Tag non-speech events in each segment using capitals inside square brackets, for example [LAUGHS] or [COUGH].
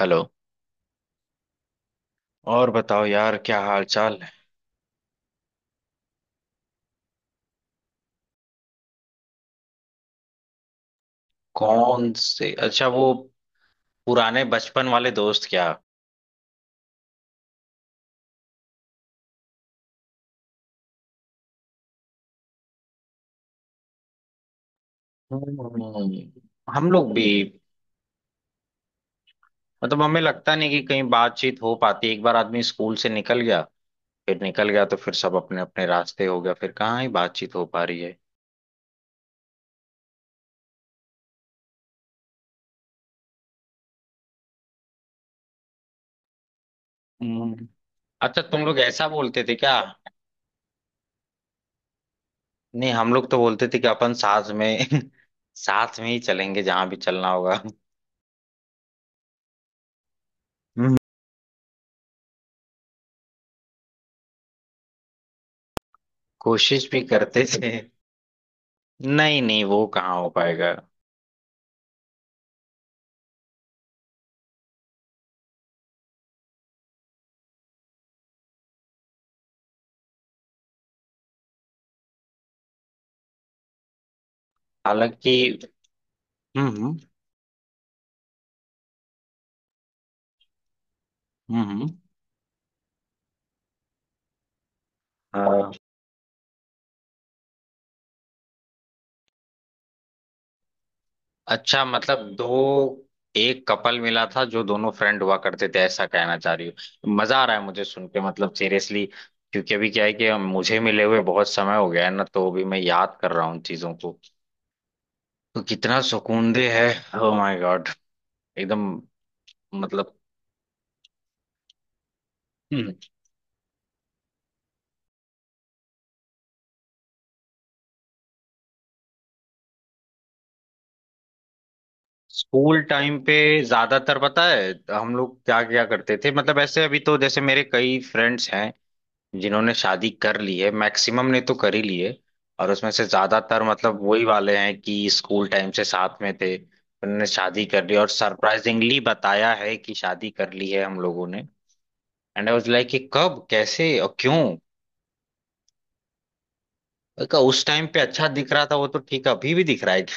Hello. और बताओ यार, क्या हाल चाल है? कौन से? अच्छा, वो पुराने बचपन वाले दोस्त क्या? हम्म। हम लोग भी मतलब, हमें लगता नहीं कि कहीं बातचीत हो पाती। एक बार आदमी स्कूल से निकल गया फिर निकल गया, तो फिर सब अपने अपने रास्ते हो गया, फिर कहाँ ही बातचीत हो पा रही है। हम्म। अच्छा, तुम लोग ऐसा बोलते थे क्या? नहीं, हम लोग तो बोलते थे कि अपन साथ में [LAUGHS] साथ में ही चलेंगे, जहां भी चलना होगा। [LAUGHS] कोशिश भी करते थे। नहीं नहीं, वो कहाँ हो पाएगा। हालांकि हम्म हम्म हम्म। अ, अच्छा, मतलब दो? एक कपल मिला था जो दोनों फ्रेंड हुआ करते थे, ऐसा कहना चाह रही हूँ। मजा आ रहा है मुझे सुन के, मतलब सीरियसली। क्योंकि अभी क्या है कि मुझे मिले हुए बहुत समय हो गया है ना, तो अभी मैं याद कर रहा हूँ उन चीजों को। तो कितना सुकून दे है। ओ माय गॉड, एकदम। मतलब हम्म। स्कूल टाइम पे ज्यादातर पता है हम लोग क्या क्या करते थे। मतलब ऐसे अभी तो जैसे मेरे कई फ्रेंड्स हैं जिन्होंने शादी कर ली है, मैक्सिमम ने तो कर ही ली है। और उसमें से ज्यादातर मतलब वही वाले हैं कि स्कूल टाइम से साथ में थे, उन्होंने शादी कर ली, और सरप्राइजिंगली बताया है कि शादी कर ली है हम लोगों ने। एंड आई वाज लाइक कि कब कैसे और क्यों। मैंने कहा, उस टाइम पे अच्छा दिख रहा था, वो तो ठीक है, अभी भी दिख रहा है क्या?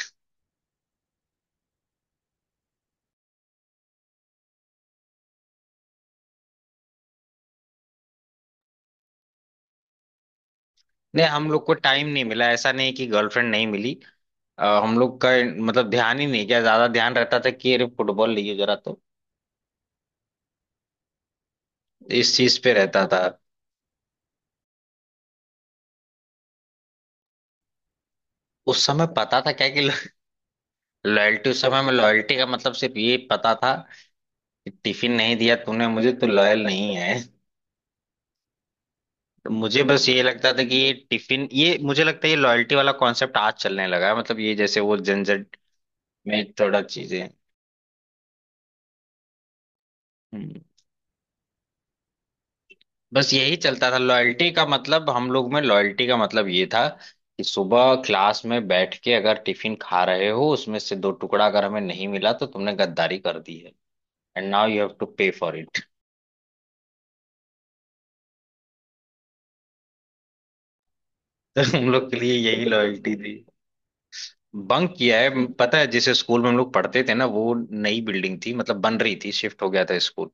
नहीं, हम लोग को टाइम नहीं मिला, ऐसा नहीं कि गर्लफ्रेंड नहीं मिली। हम लोग का मतलब ध्यान ही नहीं गया, ज्यादा ध्यान रहता था कि अरे फुटबॉल लीजिए जरा तो। इस चीज पे रहता था। उस समय पता था क्या कि लॉयल्टी? उस समय में लॉयल्टी का मतलब सिर्फ ये पता था कि टिफिन नहीं दिया तूने मुझे, तो लॉयल नहीं है। तो मुझे बस ये लगता था कि ये टिफिन, ये मुझे लगता है ये लॉयल्टी वाला कॉन्सेप्ट आज चलने लगा है, मतलब ये जैसे वो जनजेट में थोड़ा चीजें। हम्म। बस यही चलता था, लॉयल्टी का मतलब। हम लोग में लॉयल्टी का मतलब ये था कि सुबह क्लास में बैठ के अगर टिफिन खा रहे हो उसमें से दो टुकड़ा अगर हमें नहीं मिला तो तुमने गद्दारी कर दी है। And now you have to pay for it. [LAUGHS] तो हम लोग के लिए यही लॉयल्टी थी। बंक किया है। पता है जिस स्कूल में हम लोग पढ़ते थे ना, वो नई बिल्डिंग थी, मतलब बन रही थी, शिफ्ट हो गया था स्कूल।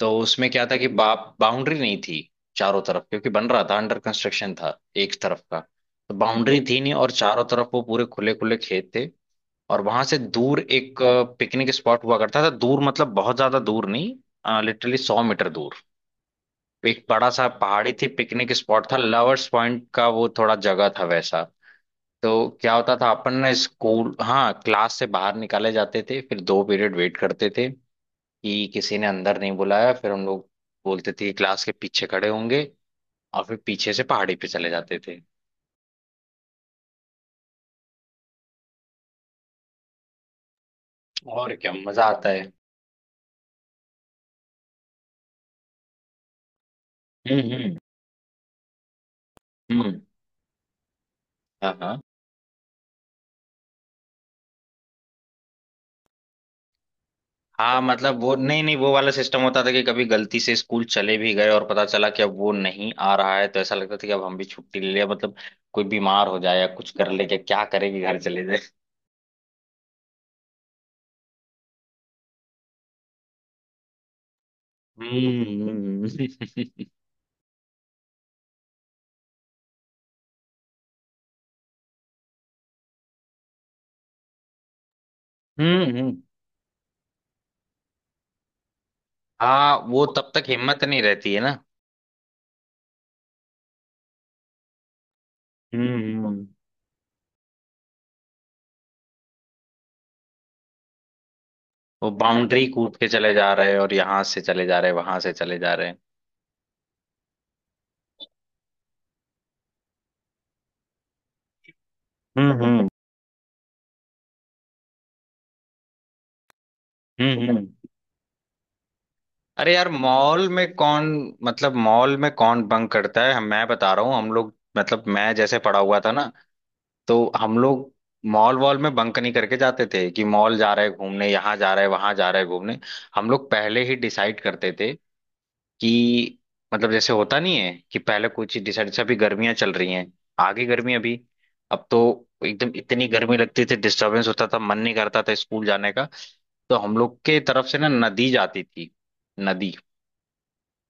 तो उसमें क्या था कि बाउंड्री नहीं थी चारों तरफ, क्योंकि बन रहा था, अंडर कंस्ट्रक्शन था एक तरफ का। तो बाउंड्री थी नहीं, और चारों तरफ वो पूरे खुले खुले खेत थे। और वहां से दूर एक पिकनिक स्पॉट हुआ करता था। दूर मतलब बहुत ज्यादा दूर नहीं, लिटरली 100 मीटर दूर। एक बड़ा सा पहाड़ी थी, पिकनिक स्पॉट था, लवर्स पॉइंट का वो थोड़ा जगह था वैसा। तो क्या होता था अपन ना स्कूल, हाँ, क्लास से बाहर निकाले जाते थे, फिर 2 पीरियड वेट करते थे कि किसी ने अंदर नहीं बुलाया। फिर हम लोग बोलते थे कि क्लास के पीछे खड़े होंगे, और फिर पीछे से पहाड़ी पे चले जाते थे। और क्या मजा आता है। हम्म हम्म हम्म। हाँ हाँ हाँ मतलब वो, नहीं नहीं, वो वाला सिस्टम होता था कि कभी गलती से स्कूल चले भी गए और पता चला कि अब वो नहीं आ रहा है, तो ऐसा लगता था कि अब हम भी छुट्टी ले लिया। मतलब कोई बीमार हो जाए या कुछ कर ले, कि क्या करे, कि घर चले जाए। हम्म हम्म, हम्म। [LAUGHS] हम्म। हाँ वो तब तक हिम्मत नहीं रहती है ना। हम्म हम्म। वो बाउंड्री कूद के चले जा रहे हैं, और यहाँ से चले जा रहे हैं, वहां से चले जा रहे हैं। हम्म हम्म हम्म हम्म। अरे यार, मॉल में कौन, मतलब मॉल में कौन बंक करता है? मैं बता रहा हूँ, हम लोग मतलब मैं जैसे पढ़ा हुआ था ना, तो हम लोग मॉल वॉल में बंक नहीं करके जाते थे कि मॉल जा रहे हैं घूमने, यहाँ जा रहे हैं वहां जा रहे हैं घूमने। हम लोग पहले ही डिसाइड करते थे कि मतलब, जैसे होता नहीं है कि पहले कोई चीज डिसाइड से, अभी गर्मियां चल रही हैं आगे, गर्मी अभी, अब तो एकदम इतनी गर्मी लगती थी, डिस्टरबेंस होता था, मन नहीं करता था स्कूल जाने का। तो हम लोग के तरफ से ना नदी जाती थी। नदी,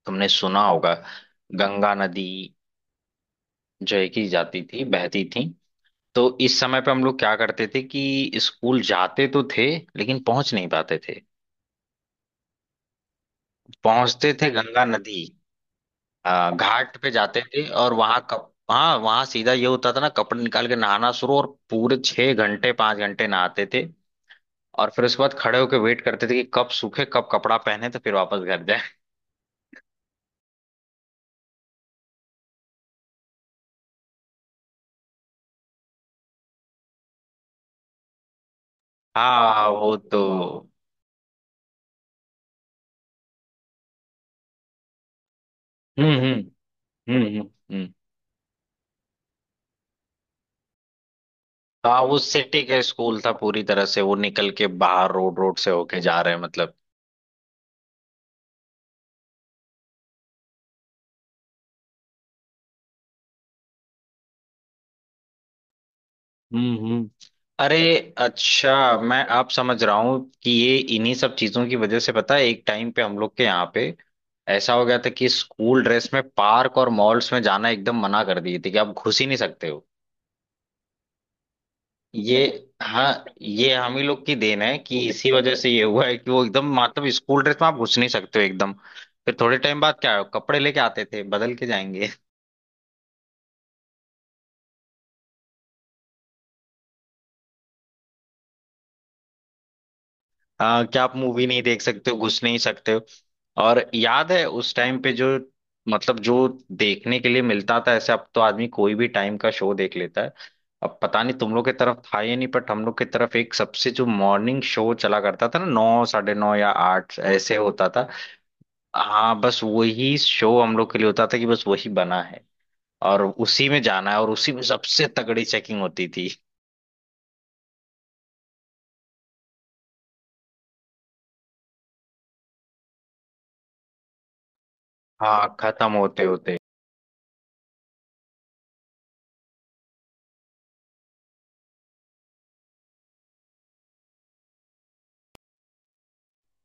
तुमने सुना होगा, गंगा नदी, जो है कि जाती थी बहती थी। तो इस समय पे हम लोग क्या करते थे कि स्कूल जाते तो थे, लेकिन पहुंच नहीं पाते थे, पहुंचते थे गंगा नदी। घाट पे जाते थे, और वहां कप, हाँ, वहां सीधा ये होता था ना, कपड़े निकाल के नहाना शुरू, और पूरे 6 घंटे 5 घंटे नहाते थे। और फिर उसके बाद खड़े होके वेट करते थे कि कब सूखे, कब कपड़ा पहने तो फिर वापस घर जाए। [LAUGHS] हाँ वो तो हम्म हम्म हम्म हम्म हम्म। हाँ वो सिटी के स्कूल था पूरी तरह से, वो निकल के बाहर रोड, रोड से होके जा रहे हैं मतलब। हम्म हम्म। अरे, अच्छा, मैं आप समझ रहा हूँ कि ये इन्हीं सब चीजों की वजह से, पता है एक टाइम पे हम लोग के यहाँ पे ऐसा हो गया था कि स्कूल ड्रेस में पार्क और मॉल्स में जाना एकदम मना कर दिए थे, कि आप घुस ही नहीं सकते हो। ये, हाँ, ये हम ही लोग की देन है, कि इसी वजह से ये हुआ है कि वो एकदम मतलब स्कूल ड्रेस में आप घुस नहीं सकते हो एकदम। फिर थोड़े टाइम बाद क्या है, कपड़े लेके आते थे, बदल के जाएंगे। हाँ, क्या आप मूवी नहीं देख सकते हो, घुस नहीं सकते हो। और याद है उस टाइम पे जो मतलब, जो देखने के लिए मिलता था ऐसे, अब तो आदमी कोई भी टाइम का शो देख लेता है। अब पता नहीं तुम लोग की तरफ था या नहीं, बट हम लोग की तरफ एक सबसे जो मॉर्निंग शो चला करता था ना, 9 साढ़े 9 या 8 ऐसे होता था। हाँ, बस वही शो हम लोग के लिए होता था कि बस वही बना है और उसी में जाना है, और उसी में सबसे तगड़ी चेकिंग होती थी। हाँ खत्म होते होते।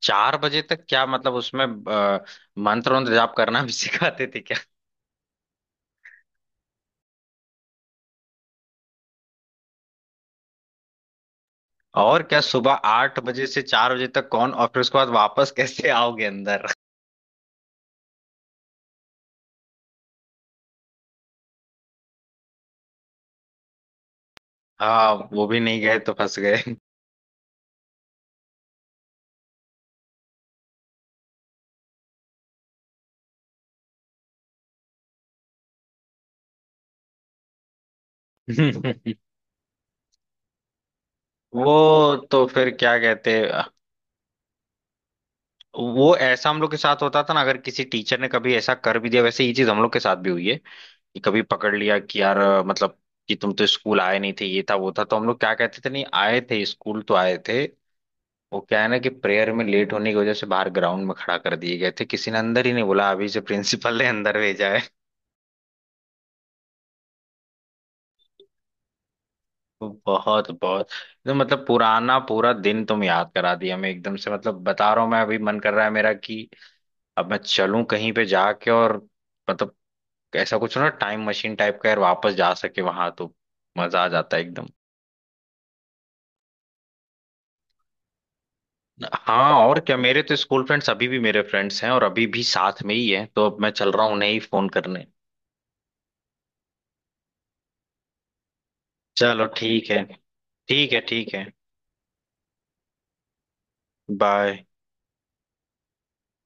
4 बजे तक? क्या मतलब उसमें मंत्र वंत्र जाप करना भी [LAUGHS] सिखाते थे क्या? और क्या, सुबह 8 बजे से 4 बजे तक कौन? और फिर उसके बाद वापस कैसे आओगे अंदर? हाँ, वो भी नहीं गए तो फंस गए। [LAUGHS] वो, तो फिर क्या कहते। वो ऐसा हम लोग के साथ होता था ना, अगर किसी टीचर ने कभी ऐसा कर भी दिया, वैसे ये चीज हम लोग के साथ भी हुई है, कि कभी पकड़ लिया कि यार, मतलब कि तुम तो स्कूल आए नहीं थे, ये था वो था, तो हम लोग क्या कहते थे, नहीं आए थे स्कूल, तो आए थे वो, क्या है ना कि प्रेयर में लेट होने की वजह से बाहर ग्राउंड में खड़ा कर दिए गए थे, किसी ने अंदर ही नहीं बोला, अभी से प्रिंसिपल ने अंदर भेजा है। तो बहुत बहुत। तो मतलब पुराना पूरा दिन तुम याद करा दिया मैं एकदम से, मतलब बता रहा हूँ मैं, अभी मन कर रहा है मेरा कि अब मैं चलूं कहीं पे जाके, और मतलब ऐसा कुछ ना टाइम मशीन टाइप का यार, वापस जा सके वहां तो मजा आ जाता है एकदम। हाँ और क्या, मेरे तो स्कूल फ्रेंड्स अभी भी मेरे फ्रेंड्स हैं और अभी भी साथ में ही हैं, तो अब मैं चल रहा हूँ उन्हें ही फोन करने। चलो ठीक है। ठीक है, ठीक है। Bye.